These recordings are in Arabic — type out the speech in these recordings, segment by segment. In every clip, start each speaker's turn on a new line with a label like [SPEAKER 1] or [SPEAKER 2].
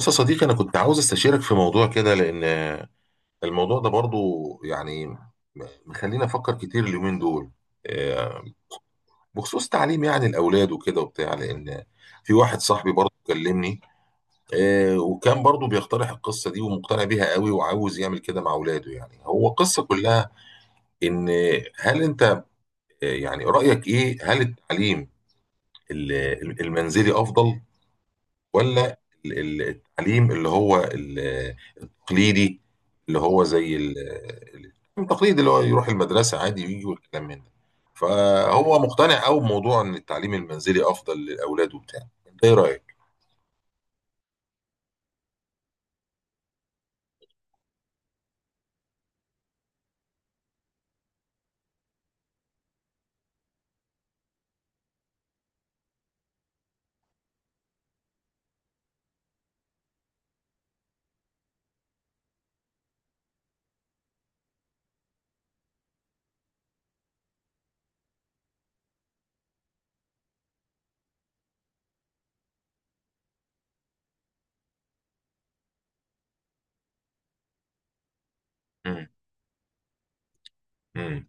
[SPEAKER 1] بص يا صديقي، أنا كنت عاوز استشيرك في موضوع كده لأن الموضوع ده برضو يعني مخليني أفكر كتير اليومين دول، آه، بخصوص تعليم يعني الأولاد وكده وبتاع، لأن في واحد صاحبي برضو كلمني. وكان برضو بيقترح القصة دي ومقتنع بيها قوي وعاوز يعمل كده مع أولاده، يعني هو القصة كلها. إن هل أنت يعني رأيك إيه، هل التعليم المنزلي أفضل، ولا التعليم اللي هو التقليدي، اللي هو زي ال- التقليد، اللي هو يروح المدرسة عادي ويجي والكلام من ده؟ فهو مقتنع قوي بموضوع ان التعليم المنزلي افضل للاولاد وبتاع. انت ايه رايك؟ امم. امم.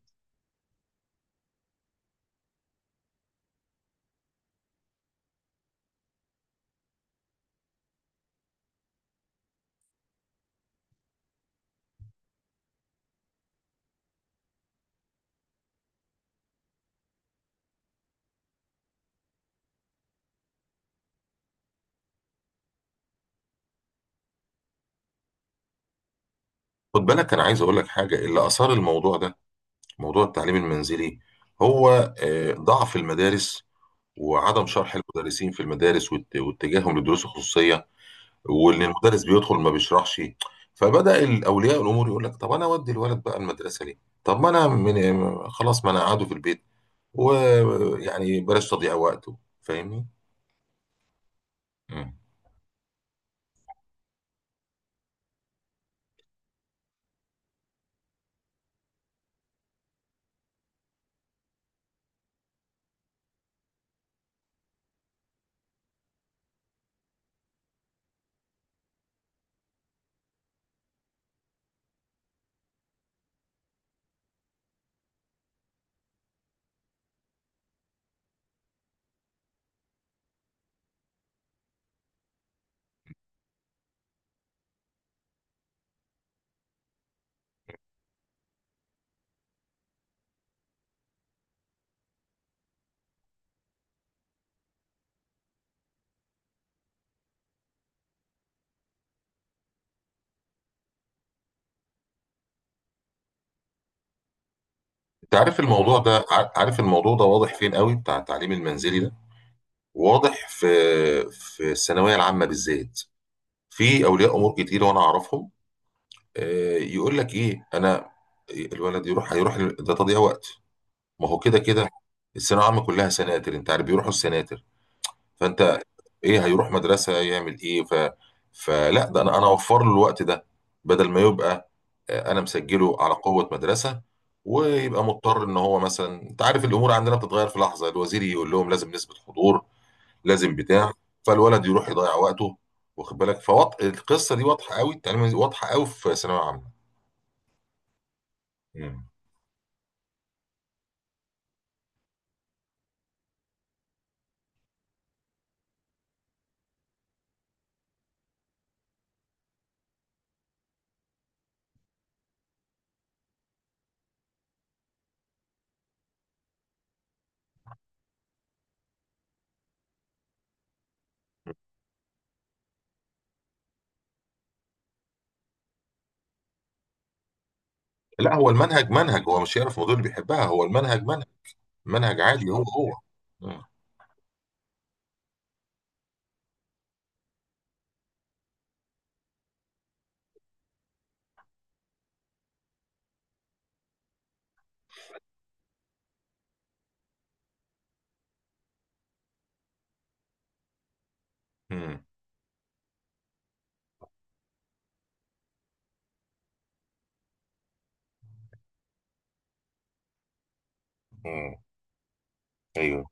[SPEAKER 1] خد بالك، انا عايز اقول لك حاجه، اللي اثار الموضوع ده، موضوع التعليم المنزلي، هو ضعف المدارس، وعدم شرح المدرسين في المدارس واتجاههم للدروس الخصوصيه، وان المدرس بيدخل ما بيشرحش. فبدا الاولياء الامور يقول لك طب انا اودي الولد بقى المدرسه ليه؟ طب ما انا من خلاص، ما انا قاعده في البيت، ويعني بلاش تضييع وقته، فاهمني؟ مم. انت عارف الموضوع ده واضح فين قوي بتاع التعليم المنزلي ده. واضح في الثانويه العامه بالذات. في اولياء امور كتير وانا اعرفهم، يقول لك ايه، انا الولد هيروح ده تضييع وقت، ما هو كده كده الثانويه العامه كلها سناتر، انت عارف بيروحوا السناتر. فانت ايه، هيروح مدرسه يعمل ايه؟ ف فلا ده انا اوفر له الوقت ده، بدل ما يبقى انا مسجله على قوه مدرسه، ويبقى مضطر ان هو مثلا، انت عارف الامور عندنا بتتغير في لحظه، الوزير يقول لهم لازم نسبه حضور، لازم بتاع، فالولد يروح يضيع وقته. واخد بالك، فوط القصه دي واضحه قوي، التعليم واضحه قوي في ثانويه عامه. مم. لا، هو المنهج منهج، هو مش هيعرف الموضوع اللي بيحبها، هو المنهج منهج عادي، هو هو. مم. مم. مم. ايوه،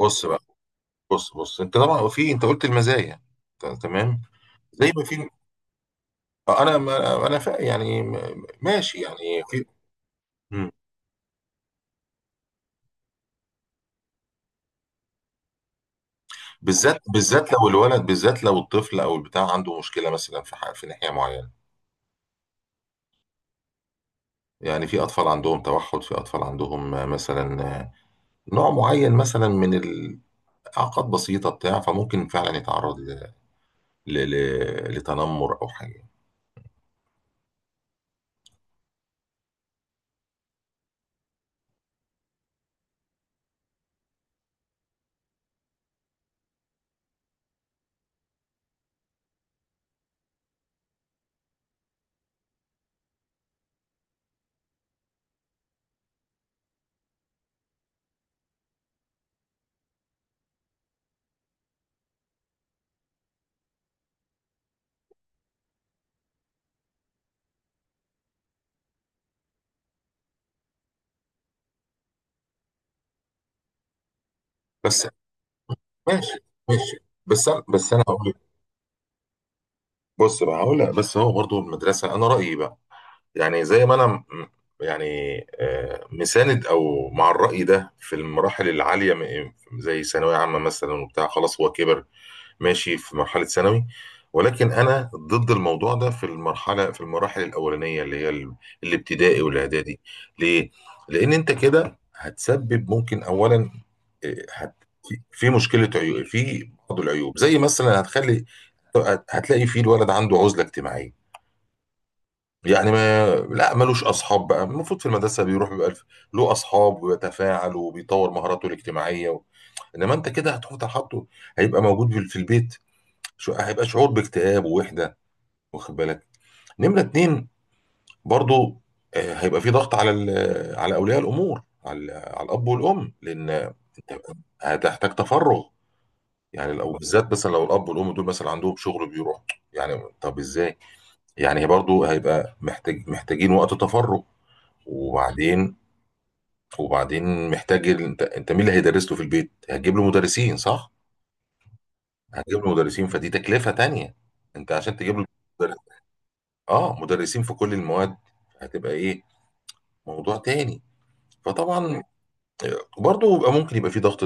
[SPEAKER 1] بص بقى، بص بص، انت طبعا، في انت قلت المزايا، تمام، زي ما في، انا ما انا يعني ماشي يعني في. مم. بالذات لو الولد، بالذات لو الطفل او البتاع عنده مشكله مثلا في في ناحيه معينه، يعني في اطفال عندهم توحد، في اطفال عندهم مثلا نوع معين مثلا من الاعاقات بسيطه بتاع، فممكن فعلا يتعرض لتنمر او حاجه. بس، ماشي، ماشي. بس بس انا هقول، بص بقى هقول لك، بس هو برضو المدرسه، انا رايي بقى، يعني زي ما انا يعني مساند او مع الرأي ده في المراحل العالية، زي ثانوية عامة مثلا وبتاع، خلاص هو كبر، ماشي في مرحلة ثانوي. ولكن انا ضد الموضوع ده في المراحل الأولانية، اللي هي الابتدائي والاعدادي. ليه؟ لأن انت كده هتسبب ممكن اولا آه، هت في مشكلة، عيوب، في بعض العيوب، زي مثلا هتخلي، هتلاقي فيه الولد عنده عزلة اجتماعية، يعني ما لا ملوش اصحاب بقى. المفروض في المدرسه بيروح بيبقى له اصحاب وبيتفاعل وبيطور مهاراته الاجتماعيه، انما انت كده هتحط، حاطه هيبقى موجود في البيت، هيبقى شعور باكتئاب ووحده، واخد بالك. نمره اتنين، برضو هيبقى في ضغط على على اولياء الامور، على الاب والام، لان انت هتحتاج تفرغ، يعني لو بالذات مثلا لو الاب والام دول مثلا عندهم شغل بيروح، يعني طب ازاي، يعني برضو هيبقى محتاجين وقت تفرغ. وبعدين، وبعدين محتاج انت مين اللي هيدرس له في البيت؟ هتجيب له مدرسين، صح؟ هتجيب له مدرسين، فدي تكلفة تانية. انت عشان تجيب له مدرس- اه مدرسين في كل المواد، هتبقى ايه، موضوع تاني. فطبعا برضه يبقى ممكن يبقى في ضغط،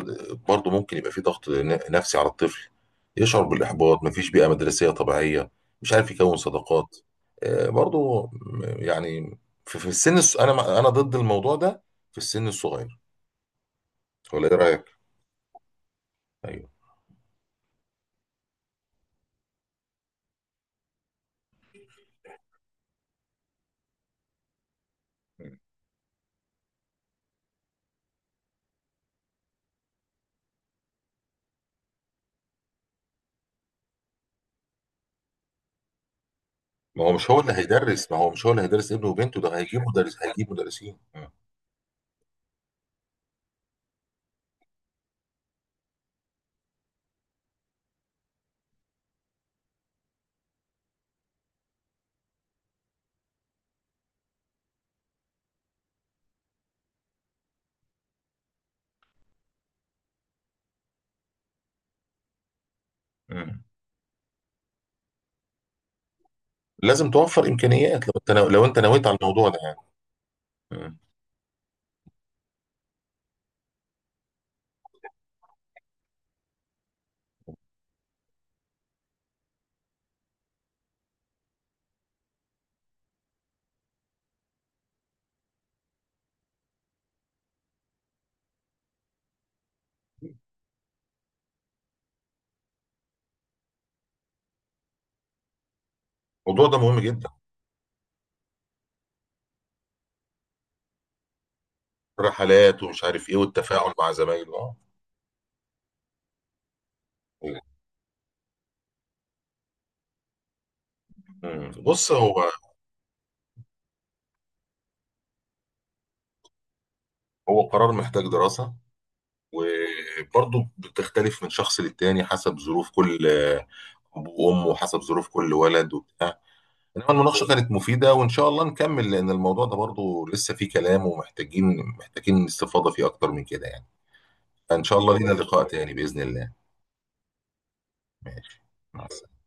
[SPEAKER 1] برضه ممكن يبقى في ضغط نفسي على الطفل، يشعر بالإحباط، مفيش بيئة مدرسية طبيعية، مش عارف يكون صداقات. برضه يعني في السن انا انا ضد الموضوع ده في السن الصغير، ولا ايه رأيك؟ ايوه. ما هو مش هو اللي هيدرس ابنه وبنته، ده هيجيب مدرسين. مم. مم. لازم توفر امكانيات لو انت، لو انت نويت على الموضوع ده يعني. مم. الموضوع ده مهم جدا. الرحلات ومش عارف ايه، والتفاعل مع زمايله، اه. مم. بص، هو قرار محتاج دراسة، وبرضه بتختلف من شخص للتاني حسب ظروف كل اب وام، وحسب ظروف كل ولد وبتاع. انما المناقشة كانت مفيدة، وان شاء الله نكمل، لان الموضوع ده برضه لسه فيه كلام، ومحتاجين، محتاجين استفاضة فيه اكتر من كده يعني. ان شاء الله لينا لقاء تاني باذن الله. ماشي، مع السلامه.